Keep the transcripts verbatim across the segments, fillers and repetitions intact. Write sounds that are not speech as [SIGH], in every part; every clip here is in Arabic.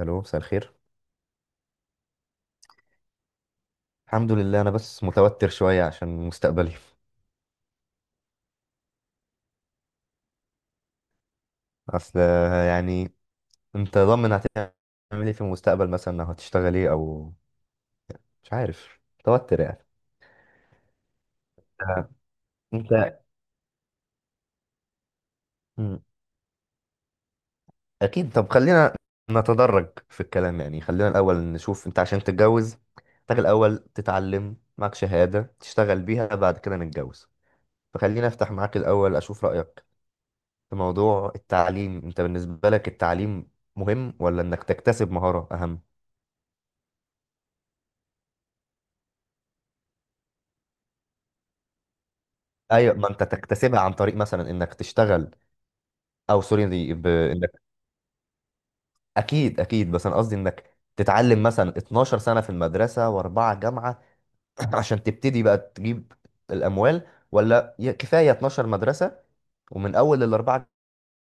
الو، مساء الخير. الحمد لله، انا بس متوتر شويه عشان مستقبلي. [LAUGHS] اصل يعني انت ضامن هتعمل ايه في المستقبل مثلا، او هتشتغل ايه، او مش عارف، متوتر يعني. آه، انت. مم. اكيد. طب خلينا نتدرج في الكلام، يعني خلينا الاول نشوف، انت عشان تتجوز محتاج الاول تتعلم، معك شهاده تشتغل بيها، بعد كده نتجوز. فخلينا افتح معاك الاول اشوف رايك في موضوع التعليم. انت بالنسبه لك التعليم مهم، ولا انك تكتسب مهاره اهم؟ ايوه، ما انت تكتسبها عن طريق مثلا انك تشتغل، او سوري دي ب... انك اكيد اكيد، بس انا قصدي انك تتعلم مثلا اتناشر سنه في المدرسه، واربعه جامعه، [CLEARS THROAT] عشان تبتدي بقى تجيب الاموال، ولا ي- كفايه اتناشر مدرسه، ومن اول الاربعه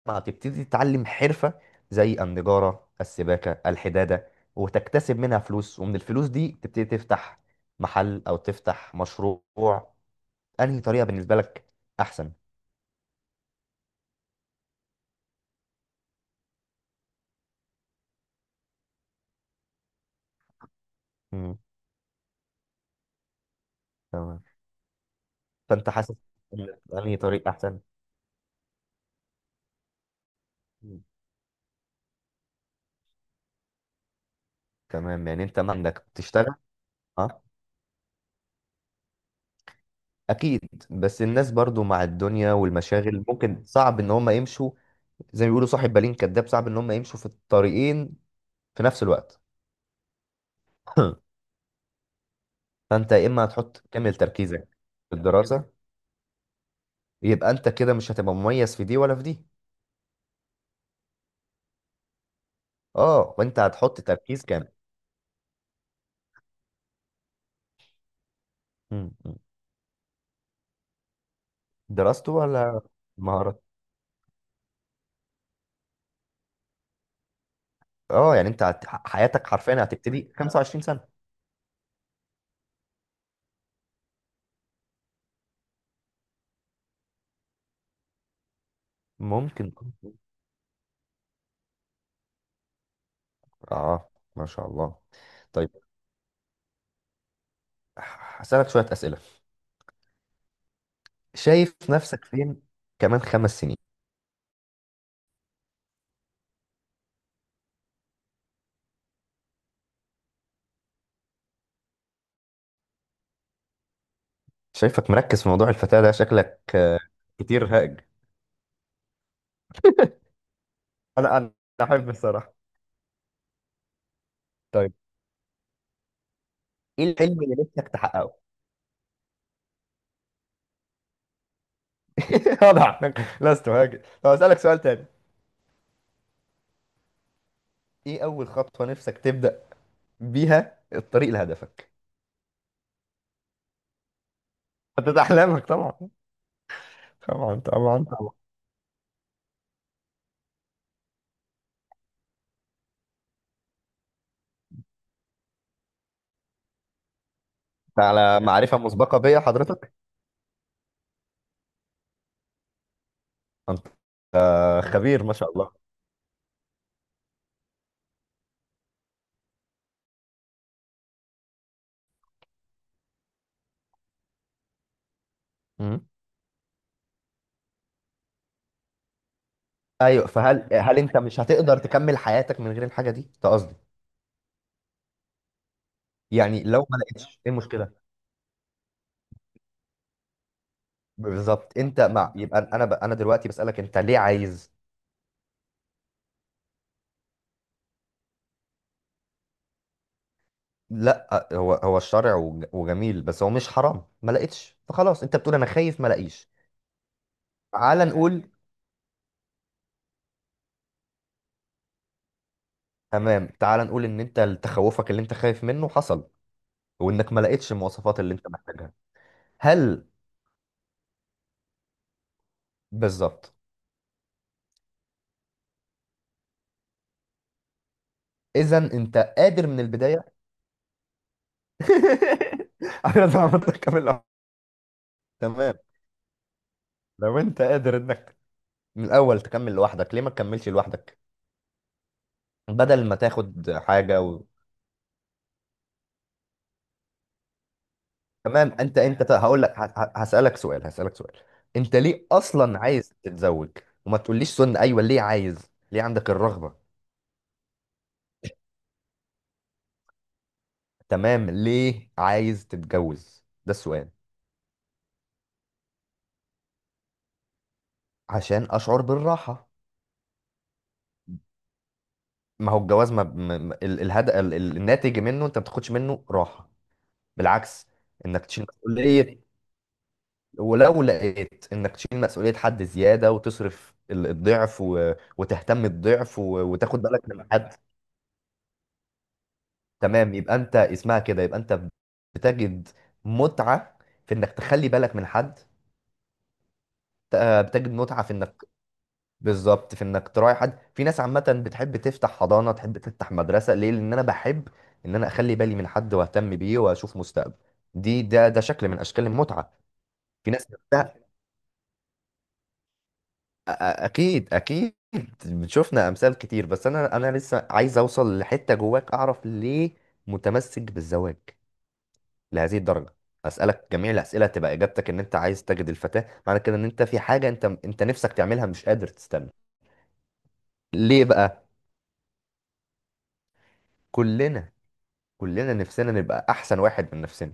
جامعه تبتدي تتعلم حرفه زي النجاره، السباكه، الحداده، وتكتسب منها فلوس، ومن الفلوس دي تبتدي تفتح محل او تفتح مشروع؟ انهي طريقه بالنسبه لك احسن؟ امم، تمام. فانت حاسس ان انهي طريق احسن؟ مم. تمام، يعني انت ما عندك تشتغل؟ اه، اكيد، بس الناس برضو مع الدنيا والمشاغل ممكن صعب ان هم يمشوا، زي ما بيقولوا صاحب بالين كداب، صعب ان هم يمشوا في الطريقين في نفس الوقت. [COUGHS] [LAUGHS] فانت يا اما هتحط كامل تركيزك في الدراسة، يبقى انت كده مش هتبقى مميز في دي ولا في دي. اه، وانت هتحط تركيز كامل. مم. مم. دراسته، ولا مهارات؟ اه، يعني انت هت... حياتك حرفيا هتبتدي خمسة وعشرين سنة. ممكن. اه، ما شاء الله. طيب، ه- هسألك شوية أسئلة. شايف نفسك فين كمان خمس سنين؟ شايفك مركز في موضوع الفتاة ده، شكلك آه، كتير هائج. انا انا احب الصراحة. طيب، ايه الحلم اللي نفسك تحققه؟ [LAUGHS] واضح انك لست هاجد. طب اسالك سؤال تاني، ايه اول خطوة نفسك تبدأ بيها الطريق لهدفك؟ حدد احلامك طبعا. طبعا طبعا طبعا. أنت على معرفة مسبقة بيا حضرتك؟ انت آه، خبير، ما شاء الله. ايوه، فهل هل انت مش هتقدر تكمل حياتك من غير الحاجه دي؟ ده قصدي، يعني لو ما لقيتش، ايه المشكله؟ بالظبط. انت مع، يبقى انا ب... انا دلوقتي بسالك انت ليه عايز. لا، هو هو الشرع، وج- وجميل، بس هو مش حرام ما لقيتش، فخلاص. انت بتقول انا خايف ما لاقيش، تعال نقول، تمام، تعال نقول ان انت تخوفك اللي انت خايف منه حصل، وانك ما لقيتش المواصفات اللي انت محتاجها. هل، بالظبط، اذا انت قادر من البدايه. [LAUGHS] انا عملت كامل. تمام، لو انت قادر انك من الاول تكمل لوحدك، ليه ما تكملش لوحدك، بدل ما تاخد حاجه و... تمام. انت انت ت- هقول لك، ه- ه- هسالك سؤال، هسالك سؤال، انت ليه اصلا عايز تتزوج؟ وما تقوليش سن. ايوه، ليه عايز، ليه عندك الرغبه. تمام، ليه عايز تتجوز؟ ده السؤال. عشان اشعر بالراحه. ما هو الجواز، ما م... م- ال... الهد... ال... ال- الناتج منه انت ما بتاخدش منه راحه، بالعكس، انك تشيل مسؤوليه، ولو لقيت انك تشيل مسؤولية حد زيادة، وتصرف ال- الضعف و... وتهتم الضعف و... وتاخد بالك من حد. تمام، يبقى انت اسمها كده، يبقى انت بتجد متعة في انك تخلي بالك من حد. ت- بتجد متعة في انك، بالظبط، في انك تراعي حد. في ناس عامة بتحب تفتح حضانة، تحب تفتح مدرسة، ليه؟ لان انا بحب ان انا اخلي بالي من حد واهتم بيه واشوف مستقبل. دي، ده ده شكل من اشكال المتعة. في ناس أ- أ- اكيد اكيد، شفنا امثال كتير، بس انا انا لسه عايز اوصل لحته جواك، اعرف ليه متمسك بالزواج لهذه الدرجه. اسالك جميع الاسئله تبقى اجابتك ان انت عايز تجد الفتاه، معنى كده ان انت في حاجه انت انت نفسك تعملها، مش قادر تستنى ليه بقى؟ كلنا كلنا نفسنا نبقى احسن واحد من نفسنا،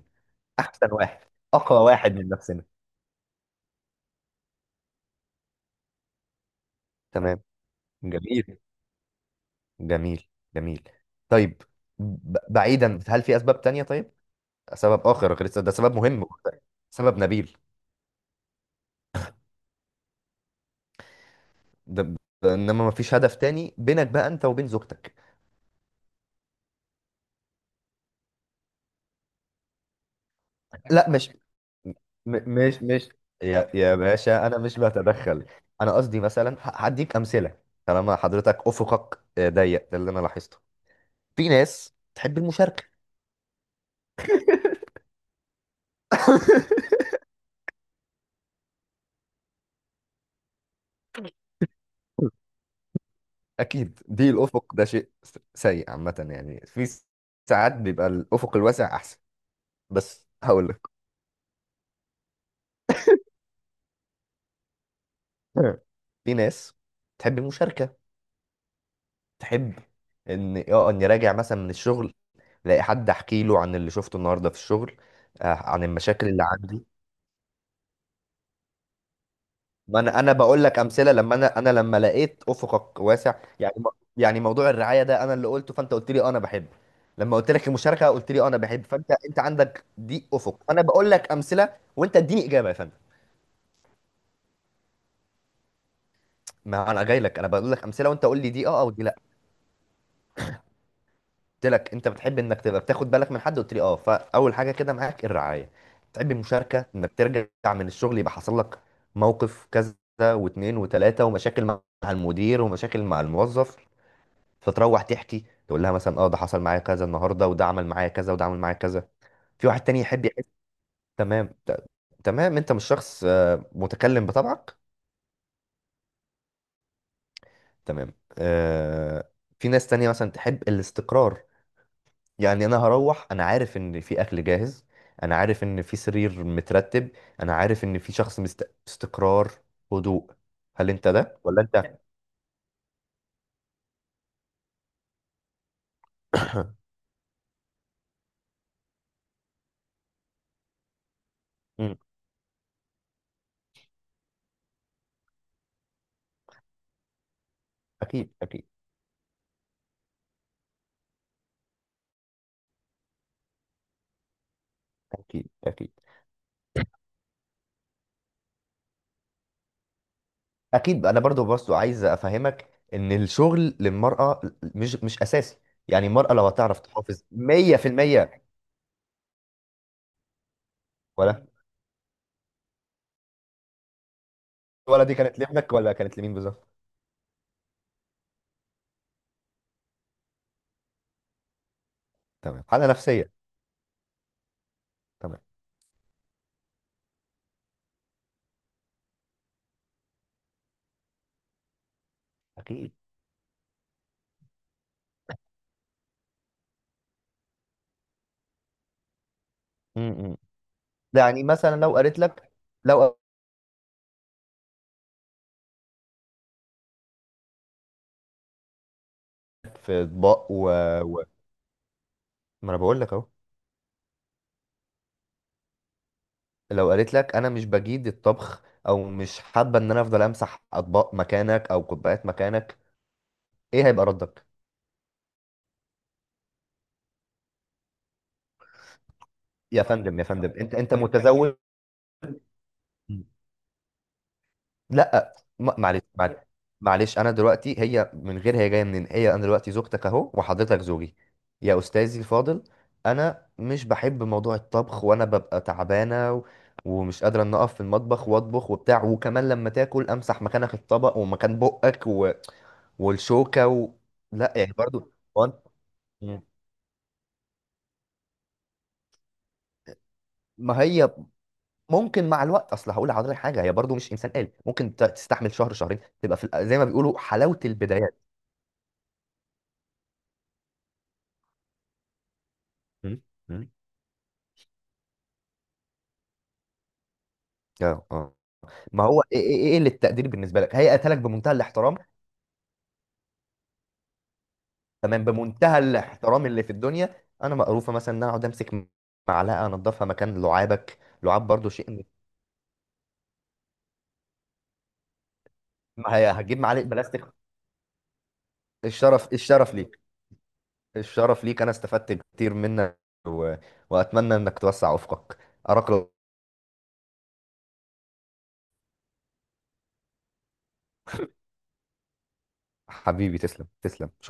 احسن واحد، اقوى واحد من نفسنا. تمام، جميل جميل جميل. طيب، ب- بعيدا، هل في اسباب تانية؟ طيب، سبب آخر غير الس- ده سبب مهم، سبب نبيل. ده، ده إنما ما فيش هدف تاني بينك بقى أنت وبين زوجتك؟ لا، مش، م- مش مش، يا يا باشا أنا مش بتدخل، أنا قصدي مثلا ه- هديك أمثلة. طالما حضرتك أفقك آه، ضيق، ده اللي أنا لاحظته. في ناس تحب المشاركة. [LAUGHS] أكيد دي، الأفق ده شيء س- سيء عامة، يعني في س- ساعات بيبقى الأفق الواسع أحسن، بس هقول لك. [CLEARS THROAT] [LAUGHS] في ناس تحب المشاركة، تحب ان، اه، اني راجع مثلا من الشغل الاقي حد احكي له عن اللي شفته النهارده في الشغل، آه، عن المشاكل اللي عندي. ما انا انا بقول لك امثله لما انا انا لما لقيت افقك واسع، يعني م- يعني موضوع الرعايه ده انا اللي قلته، فانت قلت لي آه، انا بحب، لما قلت لك المشاركه قلت لي آه، انا بحب، فانت انت عندك دي افق. انا بقول لك امثله وانت اديني اجابه يا فندم. ما انا جاي لك انا بقول لك امثله وانت قول لي دي اه او دي لا. قلت لك انت بتحب انك تبقى بتاخد بالك من حد، قلت لي اه، فاول حاجه كده معاك الرعايه. بتحب المشاركه انك ترجع من الشغل، يبقى حصل لك موقف كذا واتنين وتلاته ومشاكل مع المدير ومشاكل مع الموظف، فتروح تحكي تقول لها مثلا اه ده حصل معايا كذا النهارده وده عمل معايا كذا وده عمل معايا كذا. في واحد تاني يحب يحس، تمام. ت- تمام، انت مش شخص آه، متكلم بطبعك. تمام. آه، في ناس تانية مثلا تحب الاستقرار، يعني انا هروح انا عارف ان في اكل جاهز، انا عارف ان في سرير مترتب، انا عارف ان في شخص مست... استقرار، هدوء. هل انت ده ولا انت؟ مم. اكيد اكيد اكيد اكيد اكيد، انا برضو برضو عايز افهمك ان الشغل للمرأة مش مش اساسي، يعني المرأة لو هتعرف تحافظ مية في المية. ولا، ولا دي كانت لابنك ولا كانت لمين بالظبط؟ تمام، حالة نفسية. تمام، اكيد. مم. مم. يعني مثلا لو قالت لك، لو في اطباق و... و... ما انا بقول لك اهو، لو قالت لك انا مش بجيد الطبخ، او مش حابه ان انا افضل امسح اطباق مكانك او كوبايات مكانك، ايه هيبقى ردك؟ يا فندم يا فندم، انت انت متزوج؟ لا ما- معلش معلش معلش، انا دلوقتي، هي من غير هي جايه منين، هي، انا دلوقتي زوجتك اهو وحضرتك زوجي، يا استاذي الفاضل، انا مش بحب موضوع الطبخ، وانا ببقى تعبانه و... ومش قادره ان اقف في المطبخ واطبخ وبتاع، وكمان لما تاكل امسح مكانك الطبق ومكان بقك و... والشوكه و... لا يعني، برضو، وان- مم. ما هي، ممكن مع الوقت، اصل هقول لحضرتك حاجه، هي برضو مش انسان آلي، ممكن ت- تستحمل شهر شهرين، تبقى في ال- زي ما بيقولوا حلاوه البدايات. مم. مم. اه اه. ما هو ايه ايه، إيه اللي التقدير بالنسبه لك؟ هي قتلك بمنتهى الاحترام. تمام، بمنتهى الاحترام اللي في الدنيا، انا مقروفه مثلا ان انا اقعد امسك معلقه انضفها مكان لعابك. لعاب برضو شيء. ما هي هتجيب معلقه بلاستيك. الشرف، الشرف ليه، الشرف ليك. انا استفدت كتير منك و... واتمنى انك توسع افقك. اراك. حبيبي، تسلم تسلم، شكرا.